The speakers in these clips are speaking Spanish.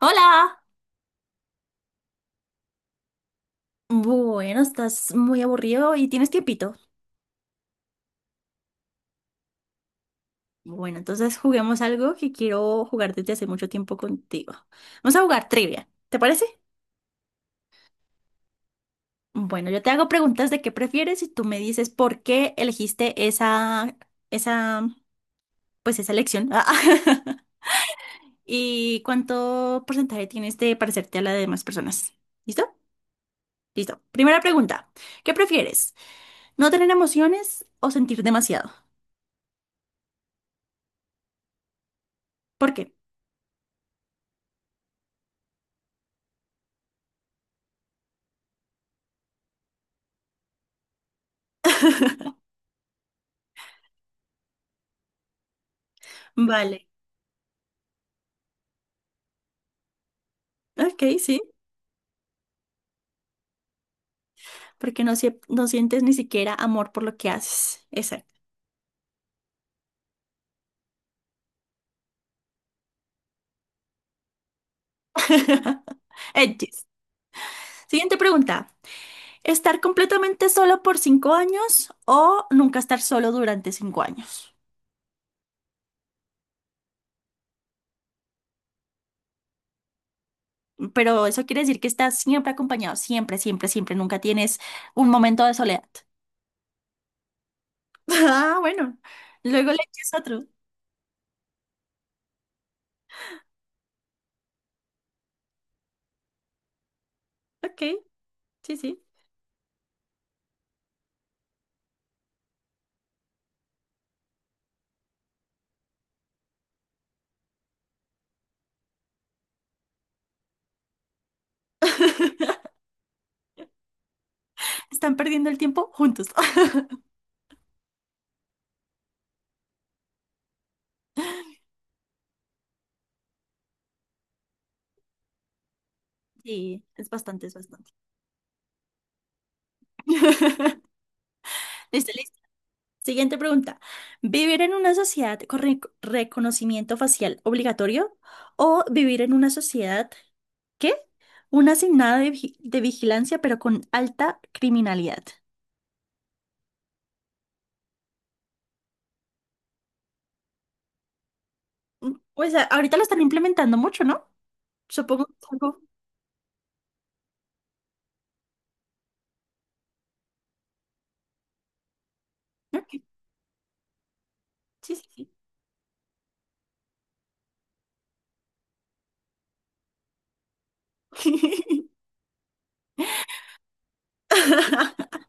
Hola. Bueno, estás muy aburrido y tienes tiempito. Bueno, entonces juguemos algo que quiero jugar desde hace mucho tiempo contigo. Vamos a jugar trivia, ¿te parece? Bueno, yo te hago preguntas de qué prefieres y tú me dices por qué elegiste esa, pues esa elección. ¿Y cuánto porcentaje tienes de parecerte a la de demás personas? ¿Listo? Listo. Primera pregunta. ¿Qué prefieres? ¿No tener emociones o sentir demasiado? ¿Por qué? Vale. Ok, sí. Porque no, no sientes ni siquiera amor por lo que haces. Exacto. Edges. Siguiente pregunta. ¿Estar completamente solo por 5 años o nunca estar solo durante 5 años? Pero eso quiere decir que estás siempre acompañado, siempre, siempre, siempre. Nunca tienes un momento de soledad. Ah, bueno. Luego le echas otro. Ok, sí, sí. Están perdiendo el tiempo juntos. Sí, es bastante, es bastante. Listo, listo. Siguiente pregunta. ¿Vivir en una sociedad con reconocimiento facial obligatorio o vivir en una sociedad, ¿qué? Una asignada de vigilancia pero con alta criminalidad. Pues ahorita lo están implementando mucho, ¿no? Supongo que es algo- ¿no? Sí, sí, sí.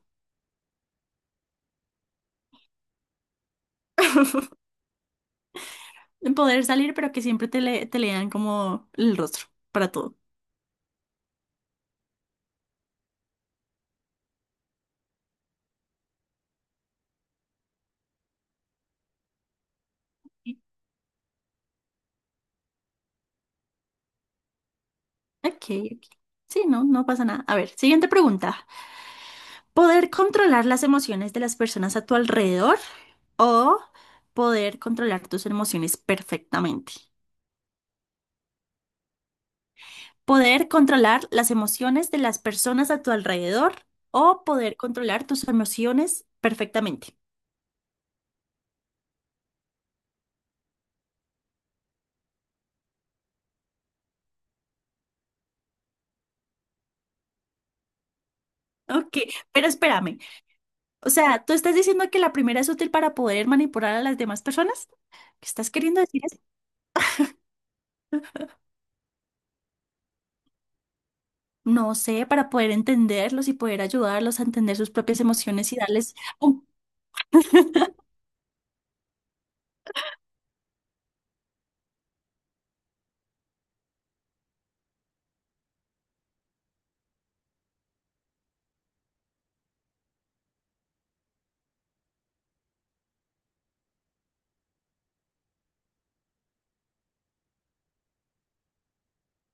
Poder salir pero que siempre te, te lean como el rostro para todo. Ok, ok. Sí, no, no pasa nada. A ver, siguiente pregunta. Poder controlar las emociones de las personas a tu alrededor o poder controlar tus emociones perfectamente. Poder controlar las emociones de las personas a tu alrededor o poder controlar tus emociones perfectamente. Ok, pero espérame. O sea, ¿tú estás diciendo que la primera es útil para poder manipular a las demás personas? ¿Qué estás queriendo decir eso? No sé, para poder entenderlos y poder ayudarlos a entender sus propias emociones y darles un...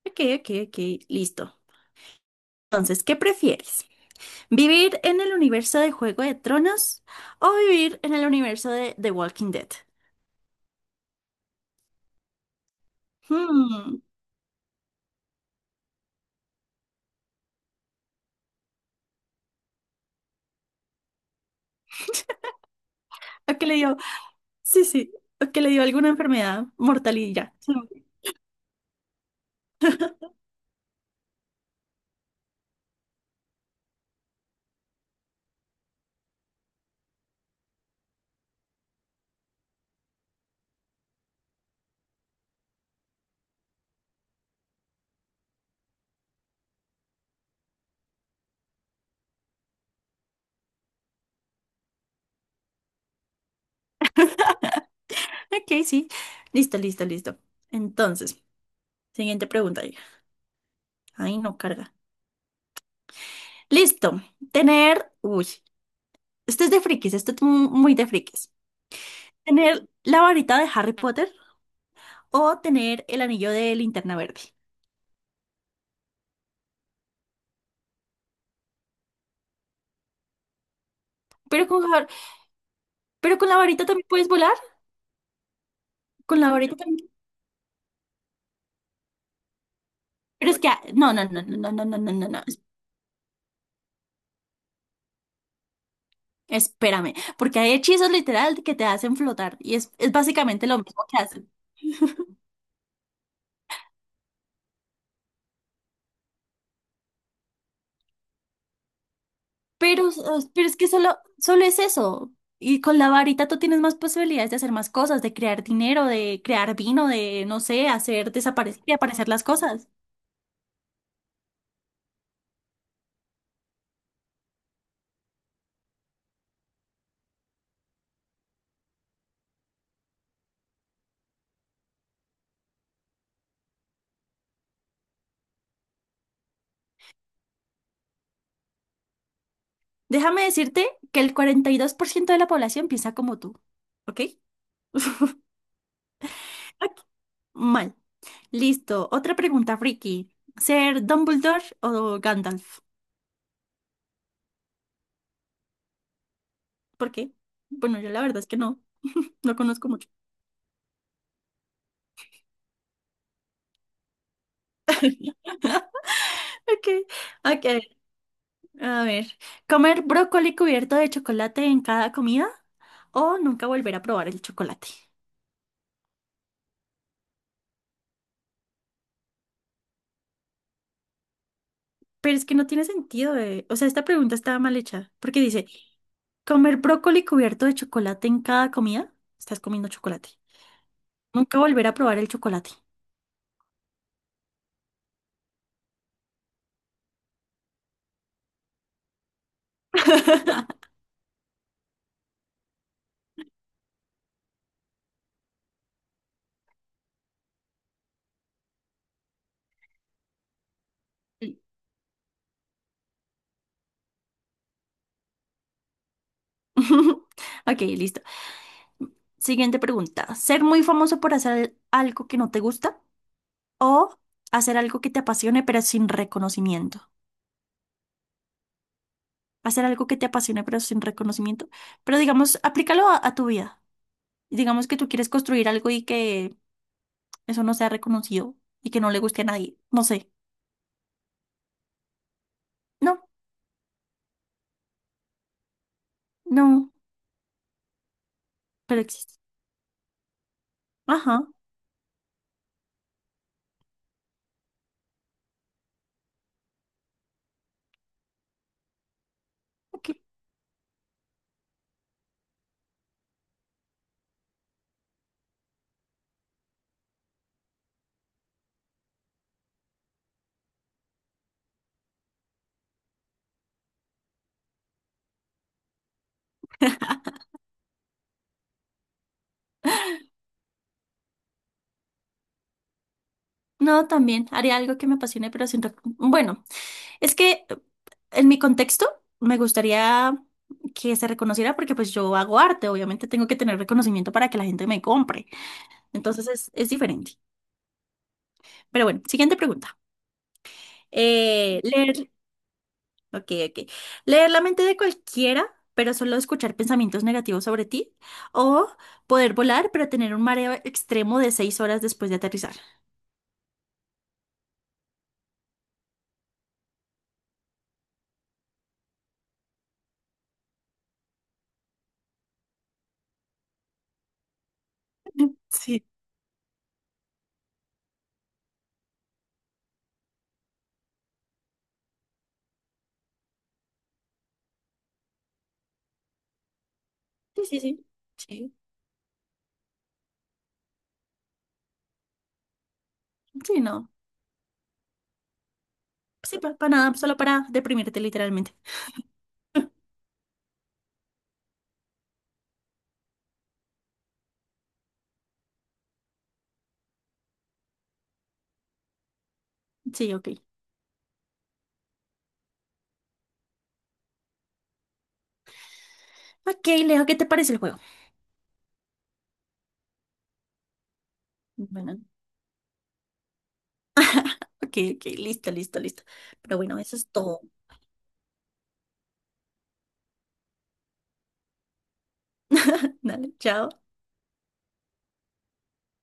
Ok, ok, ok, listo. Entonces, ¿qué prefieres? ¿Vivir en el universo de Juego de Tronos o vivir en el universo de The Walking Dead? Hmm. ¿O que le dio? Sí, sí. ¿O que le dio alguna enfermedad mortal y ya? Sí. Ok, sí. Listo, listo, listo. Entonces, siguiente pregunta. Hija. Ay, no carga. Listo. Tener. Uy, esto es de frikis. Esto es muy de frikis. ¿Tener la varita de Harry Potter o tener el anillo de Linterna Verde? Pero con, Har- pero con la varita también puedes volar. Con la varita también. Pero es que, no, no, no, no, no, no, no, no, no, no, espérame, porque hay hechizos literal que te hacen flotar y es básicamente lo mismo que hacen. Pero, pero es que solo es eso. Y con la varita tú tienes más posibilidades de hacer más cosas, de crear dinero, de crear vino, de, no sé, hacer desaparecer y aparecer las cosas. Déjame decirte que el 42% de la población piensa como tú, ¿ok? Ok, mal. Listo. Otra pregunta, Friki. ¿Ser Dumbledore o Gandalf? Porque, bueno, yo la verdad es que no, no conozco mucho. Ok, ok, a ver. ¿Comer brócoli cubierto de chocolate en cada comida o nunca volver a probar el chocolate? Pero es que no tiene sentido, eh. O sea, esta pregunta estaba mal hecha, porque dice, ¿comer brócoli cubierto de chocolate en cada comida? Estás comiendo chocolate. Nunca volver a probar el chocolate. Sí. Ok, listo. Siguiente pregunta. ¿Ser muy famoso por hacer algo que no te gusta o hacer algo que te apasione pero sin reconocimiento? Hacer algo que te apasione pero sin reconocimiento. Pero digamos, aplícalo a tu vida. Digamos que tú quieres construir algo y que eso no sea reconocido y que no le guste a nadie. No sé. No, no, pero existe. Ajá. Ok. No, también haría algo que me apasione pero sin reconocimiento. Bueno, es que en mi contexto me gustaría que se reconociera porque pues yo hago arte. Obviamente tengo que tener reconocimiento para que la gente me compre. Entonces es diferente. Pero bueno, siguiente pregunta. Eh, leer, ok, ok. Leer la mente de cualquiera, pero solo escuchar pensamientos negativos sobre ti. O poder volar, pero tener un mareo extremo de 6 horas después de aterrizar. Sí. Sí, sí, sí. Sí, sí, no. Sí, para nada, solo para deprimirte literalmente. Sí, ok. Ok, Leo, ¿qué te parece el juego? Bueno, ok, ok, listo, listo, listo. Pero bueno, eso es todo. Dale, chao.